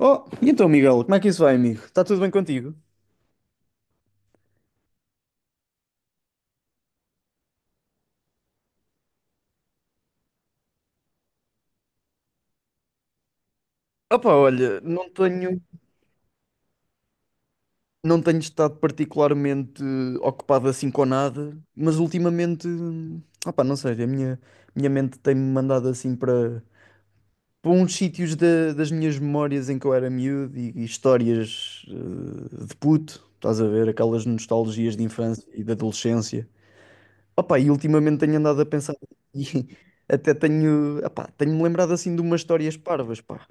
Oh, e então, Miguel, como é que isso vai, amigo? Está tudo bem contigo? Opa, olha, não tenho estado particularmente ocupado assim com nada, mas ultimamente, opa, não sei, a minha mente tem-me mandado assim para uns sítios das minhas memórias em que eu era miúdo e histórias de puto, estás a ver, aquelas nostalgias de infância e de adolescência. Opa, e ultimamente tenho andado a pensar e até tenho, epá, tenho-me lembrado assim de umas histórias parvas, pá.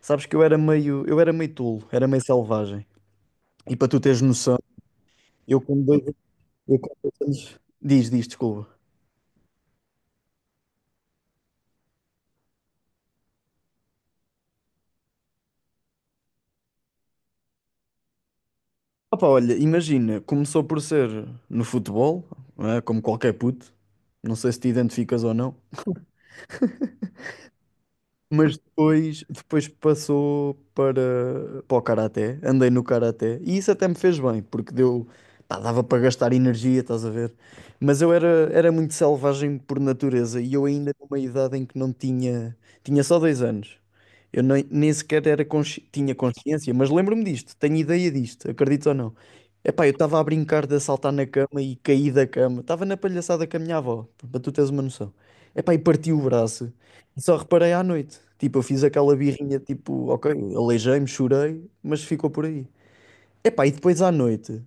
Sabes que eu era meio tolo, era meio selvagem. E para tu teres noção, eu com dois, eu com dois anos... Diz, diz, desculpa. Opa, olha, imagina, começou por ser no futebol, não é? Como qualquer puto, não sei se te identificas ou não. Mas depois passou para o karaté, andei no karaté e isso até me fez bem, porque deu, pá, dava para gastar energia, estás a ver? Mas eu era, era muito selvagem por natureza e eu ainda numa idade em que não tinha, tinha só dois anos. Eu nem sequer era tinha consciência, mas lembro-me disto, tenho ideia disto, acredito ou não. Epá, eu estava a brincar de saltar na cama e caí da cama, estava na palhaçada com a minha avó, para tu teres uma noção. Epá, e parti o braço. Só reparei à noite. Tipo, eu fiz aquela birrinha, tipo, ok, aleijei-me, chorei, mas ficou por aí. Epá, e depois à noite,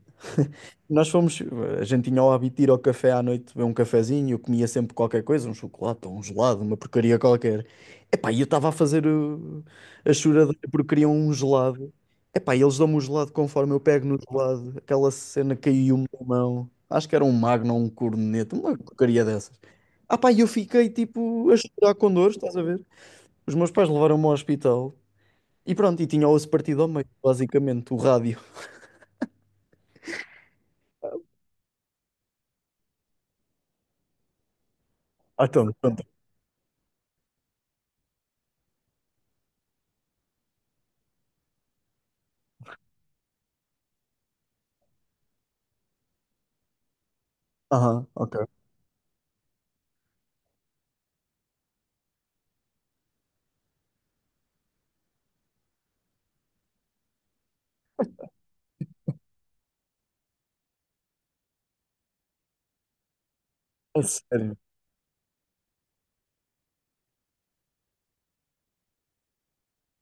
nós fomos, a gente tinha o hábito de ir ao café à noite, beber um cafezinho, eu comia sempre qualquer coisa, um chocolate, ou um gelado, uma porcaria qualquer. Epá, e eu estava a fazer a choradeira porque queriam um gelado. Epá, e eles dão-me o gelado conforme eu pego no gelado, aquela cena caiu-me na mão. Acho que era um Magno ou um corneto, uma porcaria dessas. Ah pá, e eu fiquei tipo a chorar com dores, estás a ver? Os meus pais levaram-me ao hospital e pronto, e tinha o osso partido ao meio, basicamente, o rádio. Ah, então, pronto. Aham, ok. A sério.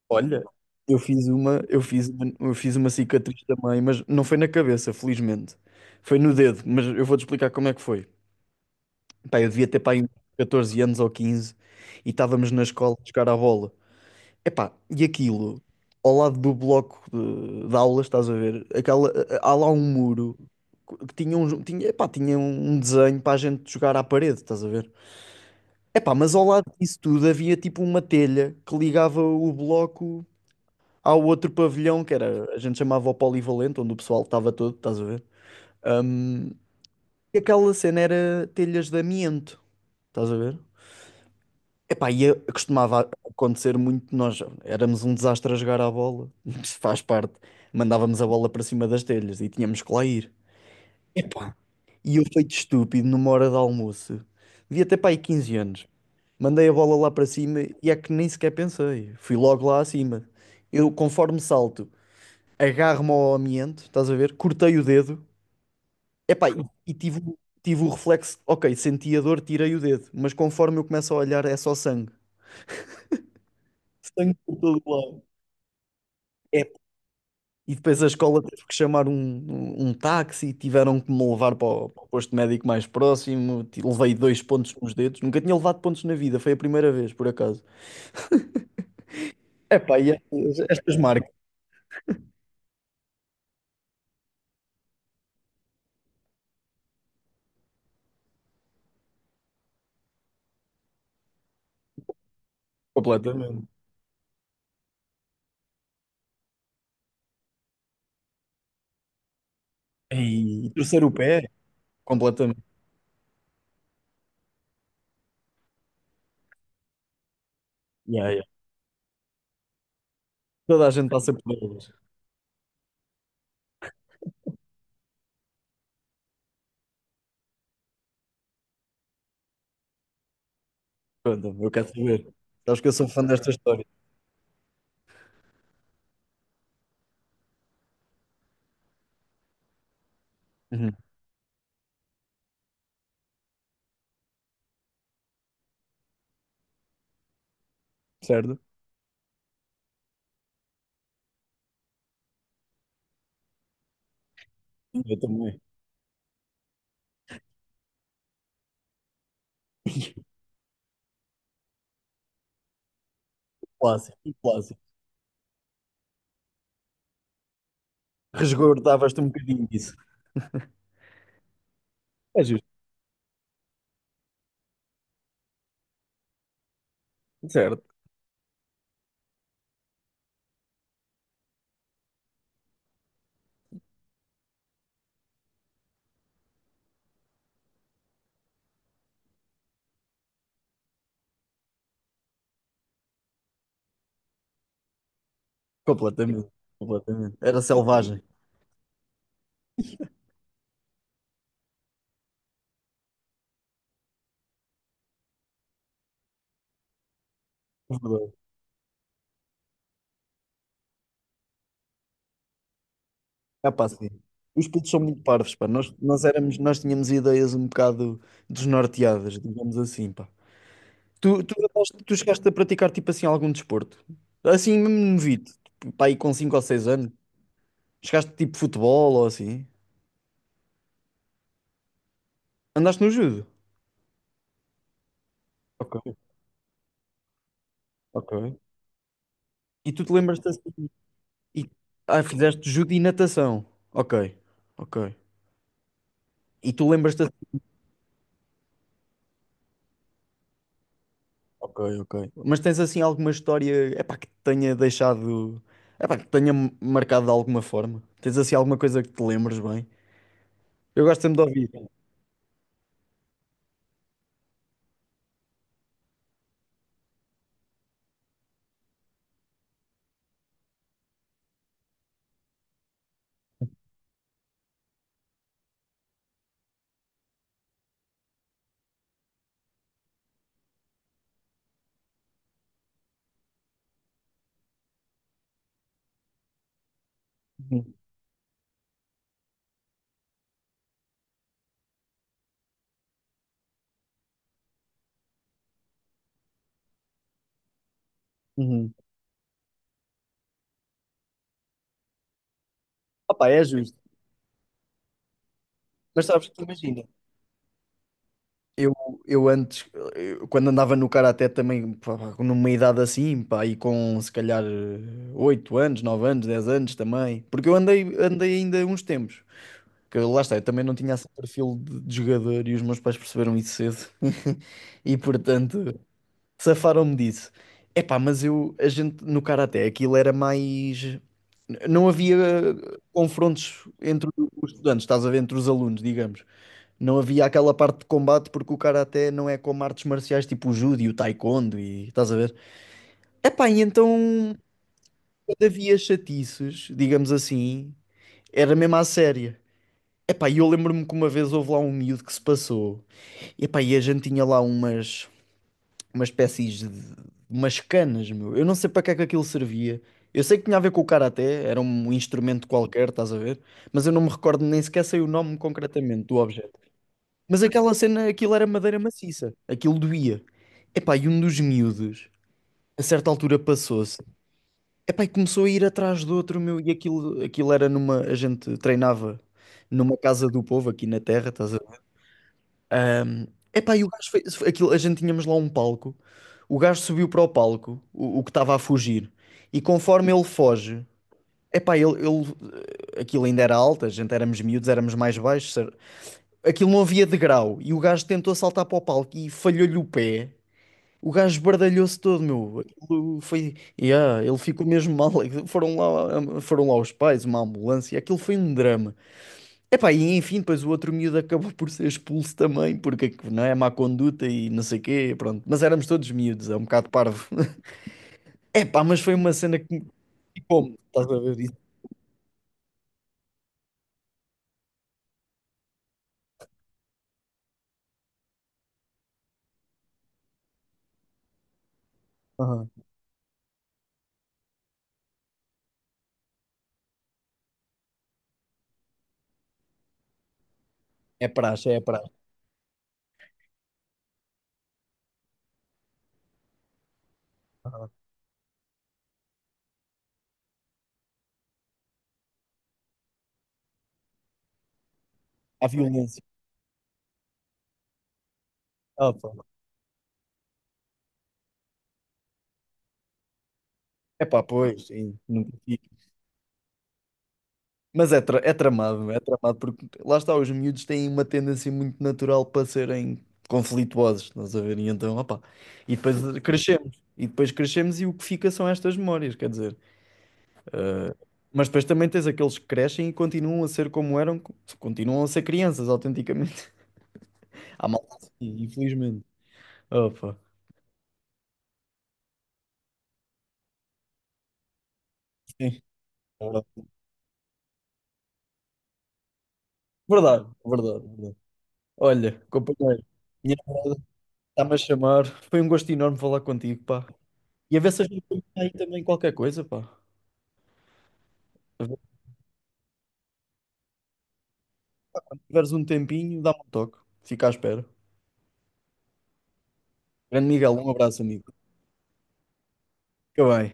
Olha, eu fiz uma cicatriz também, mas não foi na cabeça, felizmente. Foi no dedo, mas eu vou-te explicar como é que foi. Pá, eu devia ter pá, aí uns 14 anos ou 15 e estávamos na escola a jogar à bola. Epá, e aquilo, ao lado do bloco de aulas, estás a ver? Aquela, há lá um muro que tinha, epá, tinha um desenho para a gente jogar à parede, estás a ver? Epá, mas ao lado disso tudo havia tipo uma telha que ligava o bloco ao outro pavilhão, que era, a gente chamava o polivalente, onde o pessoal estava todo, estás a ver? Hum, e aquela cena era telhas de amianto, estás a ver? Epá, e costumava acontecer muito, nós éramos um desastre a jogar à bola, isso faz parte. Mandávamos a bola para cima das telhas e tínhamos que lá ir. Epá, e eu feito estúpido numa hora de almoço, devia ter para aí 15 anos. Mandei a bola lá para cima e é que nem sequer pensei. Fui logo lá acima. Eu, conforme salto, agarro-me ao amianto, estás a ver? Cortei o dedo. Epá, e tive o reflexo, ok, senti a dor, tirei o dedo. Mas conforme eu começo a olhar, é só sangue. Sangue por todo lado. É. E depois a escola teve que chamar um táxi, tiveram que me levar para para o posto médico mais próximo. Levei dois pontos nos dedos, nunca tinha levado pontos na vida, foi a primeira vez, por acaso. Epá, e estas, estas marcas, completamente. E torcer o pé, completamente. Yeah, yeah. Toda a gente passa por elas. Pronto, eu quero saber. Sabes que eu sou fã desta história. Uhum. Certo? Eu também. Clássico, clássico. Resgordavas-te um bocadinho disso. É justo, certo. Completamente, completamente. Era selvagem. É verdade. É pá, sim. Os putos são muito parvos, pá. Nós tínhamos ideias um bocado desnorteadas, digamos assim, pá. Tu chegaste a praticar, tipo assim, algum desporto? Assim, mesmo novito, tipo, pá, aí com 5 ou 6 anos. Chegaste, tipo, futebol ou assim? Andaste no judo? Ok, ok. E tu te lembras-te assim, e, ah, fizeste judo e natação. Ok, ok. E tu lembras-te ok, ok. Mas tens assim alguma história, epá, que te tenha epá, que te tenha marcado de alguma forma? Tens assim alguma coisa que te lembres bem? Eu gosto sempre de ouvir. Uhum, uhum. Opa, é justo. Mas sabes que imagina. Eu, eu antes, Quando andava no karaté também, pá, numa idade assim, pá, e com se calhar 8 anos, 9 anos, 10 anos também, porque eu andei, andei ainda uns tempos, que lá está, eu também não tinha esse perfil de jogador e os meus pais perceberam isso cedo, e portanto, safaram-me disso. Epá, mas eu, a gente no karaté, aquilo era mais. Não havia confrontos entre os estudantes, estás a ver, entre os alunos, digamos. Não havia aquela parte de combate porque o karaté não é como artes marciais tipo o judo e o taekwondo e estás a ver? Epá, e então quando havia chatiços, digamos assim, era mesmo à séria. Epá, e eu lembro-me que uma vez houve lá um miúdo que se passou. Epá, e a gente tinha lá uma espécie de umas canas, meu. Eu não sei para que é que aquilo servia. Eu sei que tinha a ver com o karaté, era um instrumento qualquer, estás a ver? Mas eu não me recordo nem sequer sei o nome concretamente do objeto. Mas aquela cena, aquilo era madeira maciça, aquilo doía. Epá, e um dos miúdos, a certa altura passou-se. Epá, e começou a ir atrás do outro, meu, e aquilo era numa, a gente treinava numa casa do povo aqui na terra, estás a... Epá, e o gajo fez aquilo, a gente tínhamos lá um palco. O gajo subiu para o palco, o que estava a fugir, e conforme ele foge, epá, aquilo ainda era alto, a gente éramos miúdos, éramos mais baixos, aquilo não havia degrau, e o gajo tentou saltar para o palco e falhou-lhe o pé. O gajo esbardalhou-se todo, meu. Aquilo foi. Yeah, ele ficou mesmo mal. Foram lá os pais, uma ambulância. Aquilo foi um drama. Epá, e enfim, depois o outro miúdo acabou por ser expulso também, porque não é má conduta e não sei quê, pronto. Mas éramos todos miúdos, é um bocado parvo. Epá, mas foi uma cena que me picou-me, estás a ver isso? Aham. É praxe, é praxe. Aham. Há violência. Ah, pá. Epá, pois, sim, nunca mas é, é tramado, porque lá está, os miúdos têm uma tendência muito natural para serem conflituosos, estás a ver? E então, opá, e depois crescemos e o que fica são estas memórias, quer dizer. Mas depois também tens aqueles que crescem e continuam a ser como eram, continuam a ser crianças, autenticamente. Há malta assim, infelizmente. Opa, sim, é é verdade. É verdade. Olha, companheiro, minha namorada está-me a chamar, foi um gosto enorme falar contigo, pá. E a ver se a gente tem aí também qualquer coisa, pá. Se tiveres um tempinho, dá-me um toque. Fica à espera. Grande Miguel, um abraço, amigo. Fica bem.